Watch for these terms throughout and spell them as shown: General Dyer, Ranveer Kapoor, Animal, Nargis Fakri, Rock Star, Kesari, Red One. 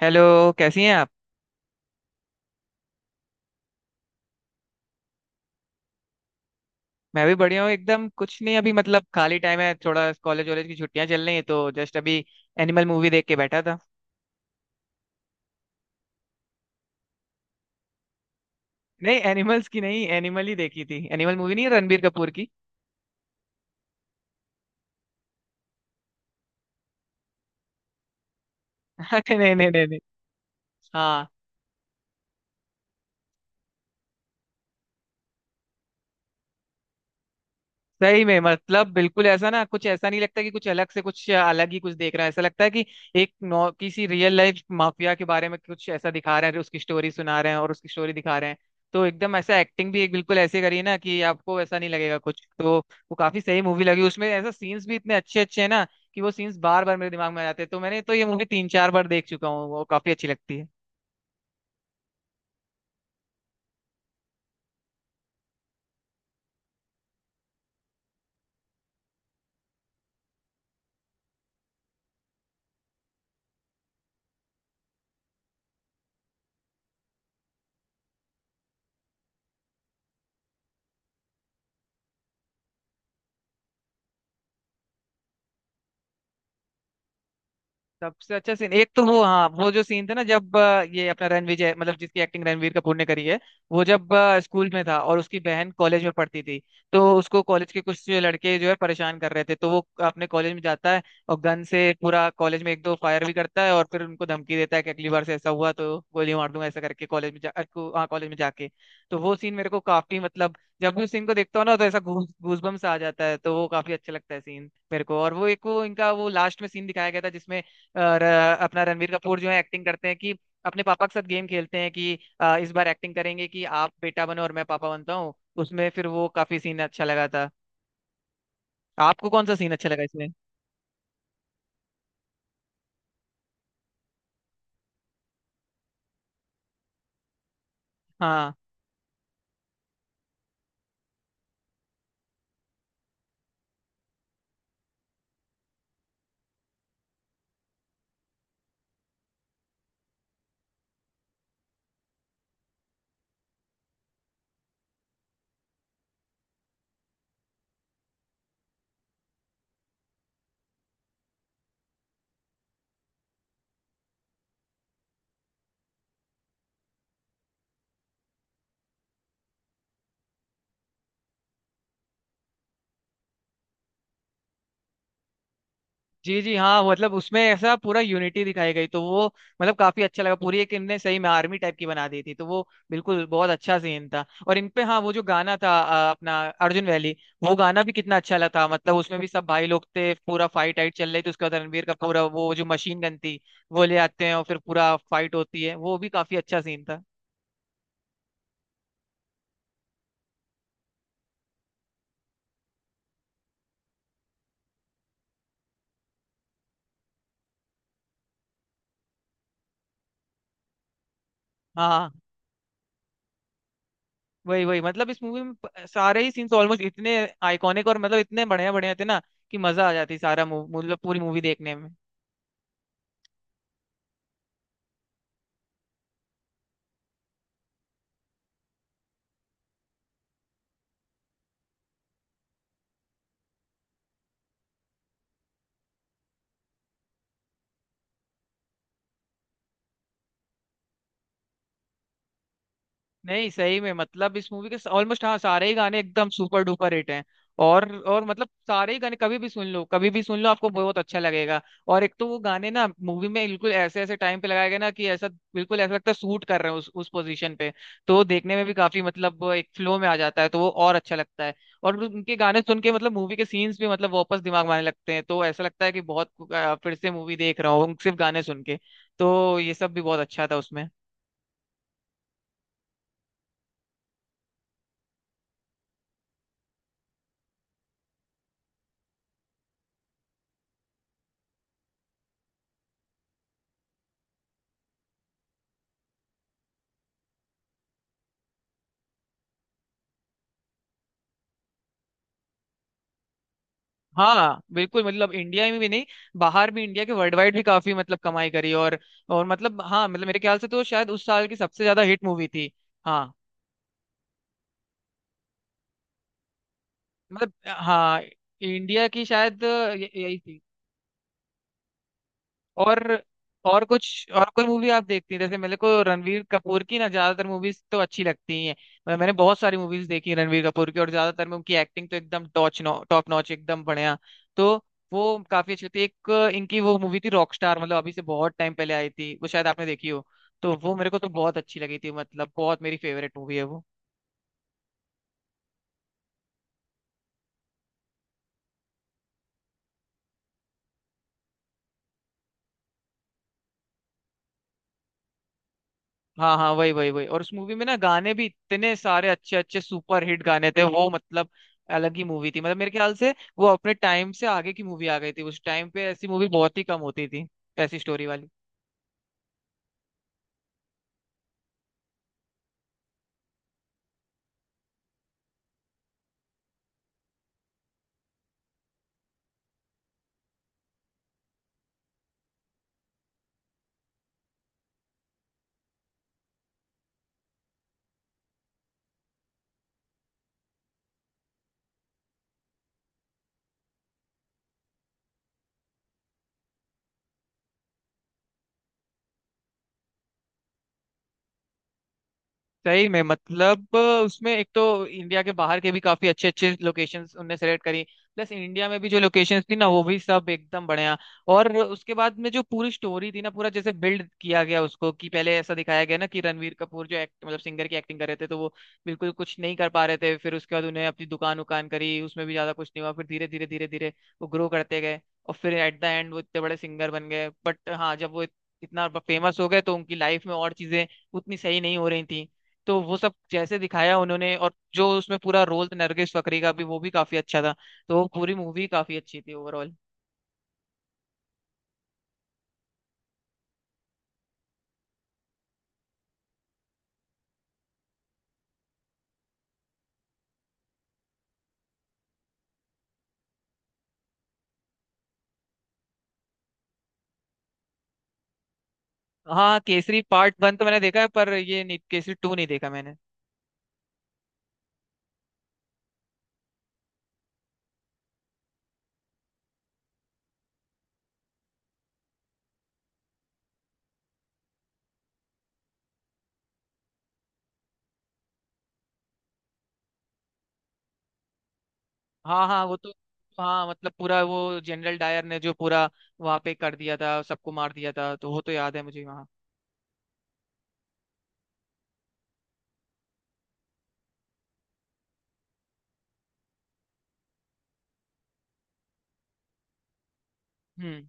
Hello. कैसी हैं आप? मैं भी बढ़िया हूँ एकदम। कुछ नहीं, अभी मतलब खाली टाइम है थोड़ा, कॉलेज वॉलेज की छुट्टियां चल रही हैं, तो जस्ट अभी एनिमल मूवी देख के बैठा था। नहीं, एनिमल्स की नहीं, एनिमल ही देखी थी, एनिमल मूवी नहीं, है रणबीर कपूर की। अरे नहीं नहीं नहीं नहीं। हाँ। सही में मतलब बिल्कुल ऐसा ना, कुछ ऐसा नहीं लगता कि कुछ अलग से, कुछ अलग ही कुछ देख रहा है। ऐसा लगता है कि एक नौ किसी रियल लाइफ माफिया के बारे में कुछ ऐसा दिखा रहे हैं, उसकी स्टोरी सुना रहे हैं और उसकी स्टोरी दिखा रहे हैं। तो एकदम ऐसा एक्टिंग भी एक बिल्कुल ऐसे करी है ना, कि आपको ऐसा नहीं लगेगा कुछ तो। वो काफी सही मूवी लगी। उसमें ऐसा सीन्स भी इतने अच्छे अच्छे हैं ना, कि वो सीन्स बार बार मेरे दिमाग में आ जाते हैं, तो मैंने तो ये मूवी तीन चार बार देख चुका हूँ, वो काफी अच्छी लगती है। सबसे अच्छा सीन एक तो वो, हाँ, वो जो सीन था ना, जब ये अपना रणविजय, मतलब जिसकी एक्टिंग रणवीर कपूर ने करी है, वो जब स्कूल में था और उसकी बहन कॉलेज में पढ़ती थी, तो उसको कॉलेज के कुछ लड़के जो है परेशान कर रहे थे, तो वो अपने कॉलेज में जाता है और गन से पूरा कॉलेज में एक दो फायर भी करता है और फिर उनको धमकी देता है कि अगली बार से ऐसा हुआ तो गोली मार दूंगा, ऐसा करके कॉलेज में जा हाँ, कॉलेज में जाके। तो वो सीन मेरे को काफी मतलब, जब भी उस सीन को देखता हूँ ना तो ऐसा गूजबम्स आ जाता है, तो वो काफी अच्छा लगता है सीन मेरे को। और वो एक वो इनका वो लास्ट में सीन दिखाया गया था जिसमें, और अपना रणवीर कपूर जो है एक्टिंग करते हैं कि अपने पापा के साथ गेम खेलते हैं कि इस बार एक्टिंग करेंगे कि आप बेटा बनो और मैं पापा बनता हूँ। उसमें फिर वो काफी सीन अच्छा लगा था। आपको कौन सा सीन अच्छा लगा इसमें? हाँ। जी जी, हाँ, मतलब उसमें ऐसा पूरा यूनिटी दिखाई गई, तो वो मतलब काफी अच्छा लगा। पूरी एक इनने सही में आर्मी टाइप की बना दी थी, तो वो बिल्कुल बहुत अच्छा सीन था। और इनपे हाँ, वो जो गाना था अपना अर्जुन वैली, वो गाना भी कितना अच्छा लगा था। मतलब उसमें भी सब भाई लोग थे, पूरा फाइट आइट चल रही थी, उसके बाद रणबीर का पूरा वो जो मशीन गन थी वो ले आते हैं और फिर पूरा फाइट होती है, वो भी काफी अच्छा सीन था। हाँ, वही वही, मतलब इस मूवी में सारे ही सीन्स ऑलमोस्ट इतने आइकॉनिक और मतलब इतने बढ़िया बढ़िया थे ना, कि मजा आ जाती सारा मतलब पूरी मूवी देखने में। नहीं, सही में मतलब इस मूवी के ऑलमोस्ट, हाँ, सारे ही गाने एकदम सुपर डुपर हिट हैं। और मतलब सारे ही गाने कभी भी सुन लो, कभी भी सुन लो, आपको बहुत अच्छा लगेगा। और एक तो वो गाने ना मूवी में बिल्कुल ऐसे ऐसे टाइम पे लगाए गए ना, कि ऐसा बिल्कुल ऐसा लगता है सूट कर रहे हैं उस पोजीशन पे, तो वो देखने में भी काफी मतलब, वो एक फ्लो में आ जाता है तो वो और अच्छा लगता है। और उनके गाने सुन के मतलब मूवी के सीन्स भी मतलब वापस दिमाग में आने लगते हैं, तो ऐसा लगता है कि बहुत फिर से मूवी देख रहा हूँ सिर्फ गाने सुन के। तो ये सब भी बहुत अच्छा था उसमें। हाँ बिल्कुल, मतलब इंडिया में भी नहीं, बाहर भी इंडिया के, वर्ल्ड वाइड भी काफी मतलब कमाई करी। और मतलब हाँ, मतलब मेरे ख्याल से तो शायद उस साल की सबसे ज्यादा हिट मूवी थी। हाँ, मतलब हाँ, इंडिया की शायद यही। और और कुछ और कोई मूवी आप देखती हैं? जैसे मेरे को रणवीर कपूर की ना ज्यादातर मूवीज तो अच्छी लगती ही हैं, मैंने बहुत सारी मूवीज देखी हैं रणवीर कपूर की और ज्यादातर में उनकी एक्टिंग तो एकदम टॉच नॉ टॉप नॉच, एकदम बढ़िया, तो वो काफी अच्छी होती है। एक इनकी वो मूवी थी रॉक स्टार, मतलब अभी से बहुत टाइम पहले आई थी, वो शायद आपने देखी हो, तो वो मेरे को तो बहुत अच्छी लगी थी, मतलब बहुत मेरी फेवरेट मूवी है वो। हाँ हाँ, वही वही वही। और उस मूवी में ना गाने भी इतने सारे अच्छे अच्छे सुपर हिट गाने थे वो, मतलब अलग ही मूवी थी, मतलब मेरे ख्याल से वो अपने टाइम से आगे की मूवी आ गई थी, उस टाइम पे ऐसी मूवी बहुत ही कम होती थी, ऐसी स्टोरी वाली। सही में, मतलब उसमें एक तो इंडिया के बाहर के भी काफी अच्छे अच्छे लोकेशंस उनने सेलेक्ट करी, प्लस इंडिया में भी जो लोकेशंस थी ना वो भी सब एकदम बढ़िया। और उसके बाद में जो पूरी स्टोरी थी ना पूरा जैसे बिल्ड किया गया उसको, कि पहले ऐसा दिखाया गया ना कि रणवीर कपूर जो एक्ट मतलब सिंगर की एक्टिंग कर रहे थे तो वो बिल्कुल कुछ नहीं कर पा रहे थे, फिर उसके बाद उन्हें अपनी दुकान उकान करी, उसमें भी ज्यादा कुछ नहीं हुआ, फिर धीरे धीरे धीरे धीरे वो ग्रो करते गए और फिर एट द एंड वो इतने बड़े सिंगर बन गए। बट हाँ, जब वो इतना फेमस हो गए तो उनकी लाइफ में और चीजें उतनी सही नहीं हो रही थी, तो वो सब जैसे दिखाया उन्होंने, और जो उसमें पूरा रोल था नरगिस फकरी का भी वो भी काफी अच्छा था, तो वो पूरी मूवी काफी अच्छी थी ओवरऑल। हाँ, केसरी पार्ट वन तो मैंने देखा है, पर ये नहीं, केसरी टू नहीं देखा मैंने। हाँ हाँ, वो तो हाँ मतलब पूरा वो जनरल डायर ने जो पूरा वहां पे कर दिया था, सबको मार दिया था, तो वो तो याद है मुझे वहाँ। हम्म।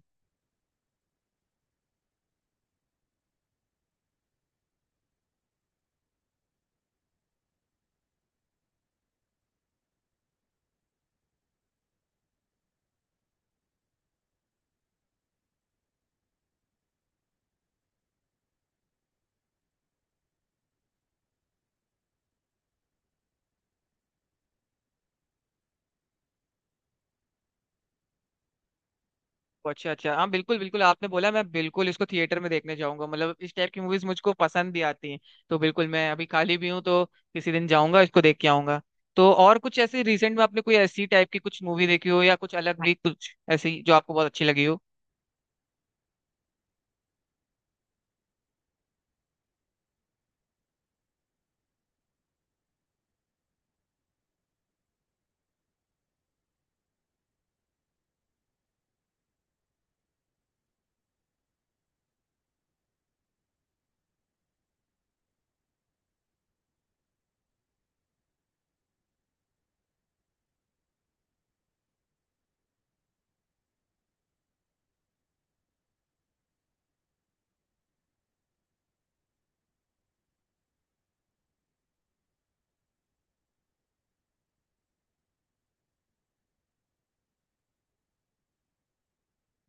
अच्छा अच्छा, हाँ बिल्कुल बिल्कुल, आपने बोला मैं बिल्कुल इसको थिएटर में देखने जाऊंगा, मतलब इस टाइप की मूवीज मुझको पसंद भी आती हैं, तो बिल्कुल मैं अभी खाली भी हूँ, तो किसी दिन जाऊंगा इसको देख के आऊंगा। तो और कुछ ऐसे रिसेंट में आपने कोई ऐसी टाइप की कुछ मूवी देखी हो, या कुछ अलग भी कुछ ऐसी जो आपको बहुत अच्छी लगी हो?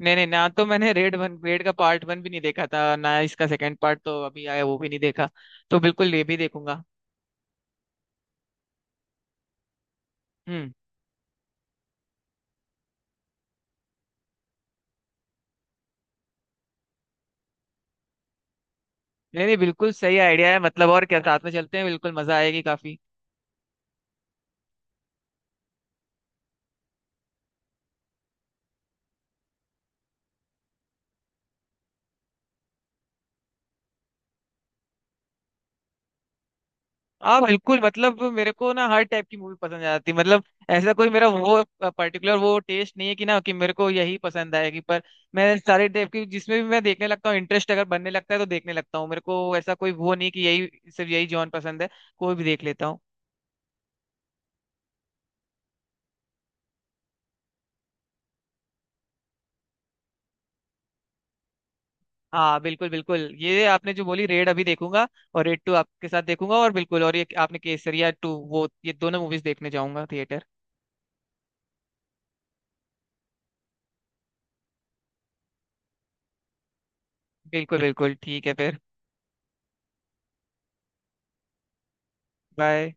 नहीं नहीं, ना तो मैंने रेड का पार्ट वन भी नहीं देखा था, ना इसका सेकंड पार्ट तो अभी आया वो भी नहीं देखा, तो बिल्कुल ये भी देखूंगा। हम्म। नहीं नहीं, बिल्कुल सही आइडिया है, मतलब और क्या, साथ में चलते हैं, बिल्कुल मजा आएगी काफी। हाँ बिल्कुल, मतलब मेरे को ना हर टाइप की मूवी पसंद आ जाती है, मतलब ऐसा कोई मेरा वो पर्टिकुलर वो टेस्ट नहीं है कि ना कि मेरे को यही पसंद आएगी, पर मैं सारे टाइप की जिसमें भी मैं देखने लगता हूँ इंटरेस्ट अगर बनने लगता है तो देखने लगता हूँ, मेरे को ऐसा कोई वो नहीं कि यही, सिर्फ यही जॉन पसंद है, कोई भी देख लेता हूँ। हाँ बिल्कुल बिल्कुल, ये आपने जो बोली रेड अभी देखूंगा और रेड टू आपके साथ देखूंगा, और बिल्कुल, और ये आपने केसरिया टू, वो ये दोनों मूवीज देखने जाऊंगा थिएटर। बिल्कुल बिल्कुल ठीक है फिर। बाय।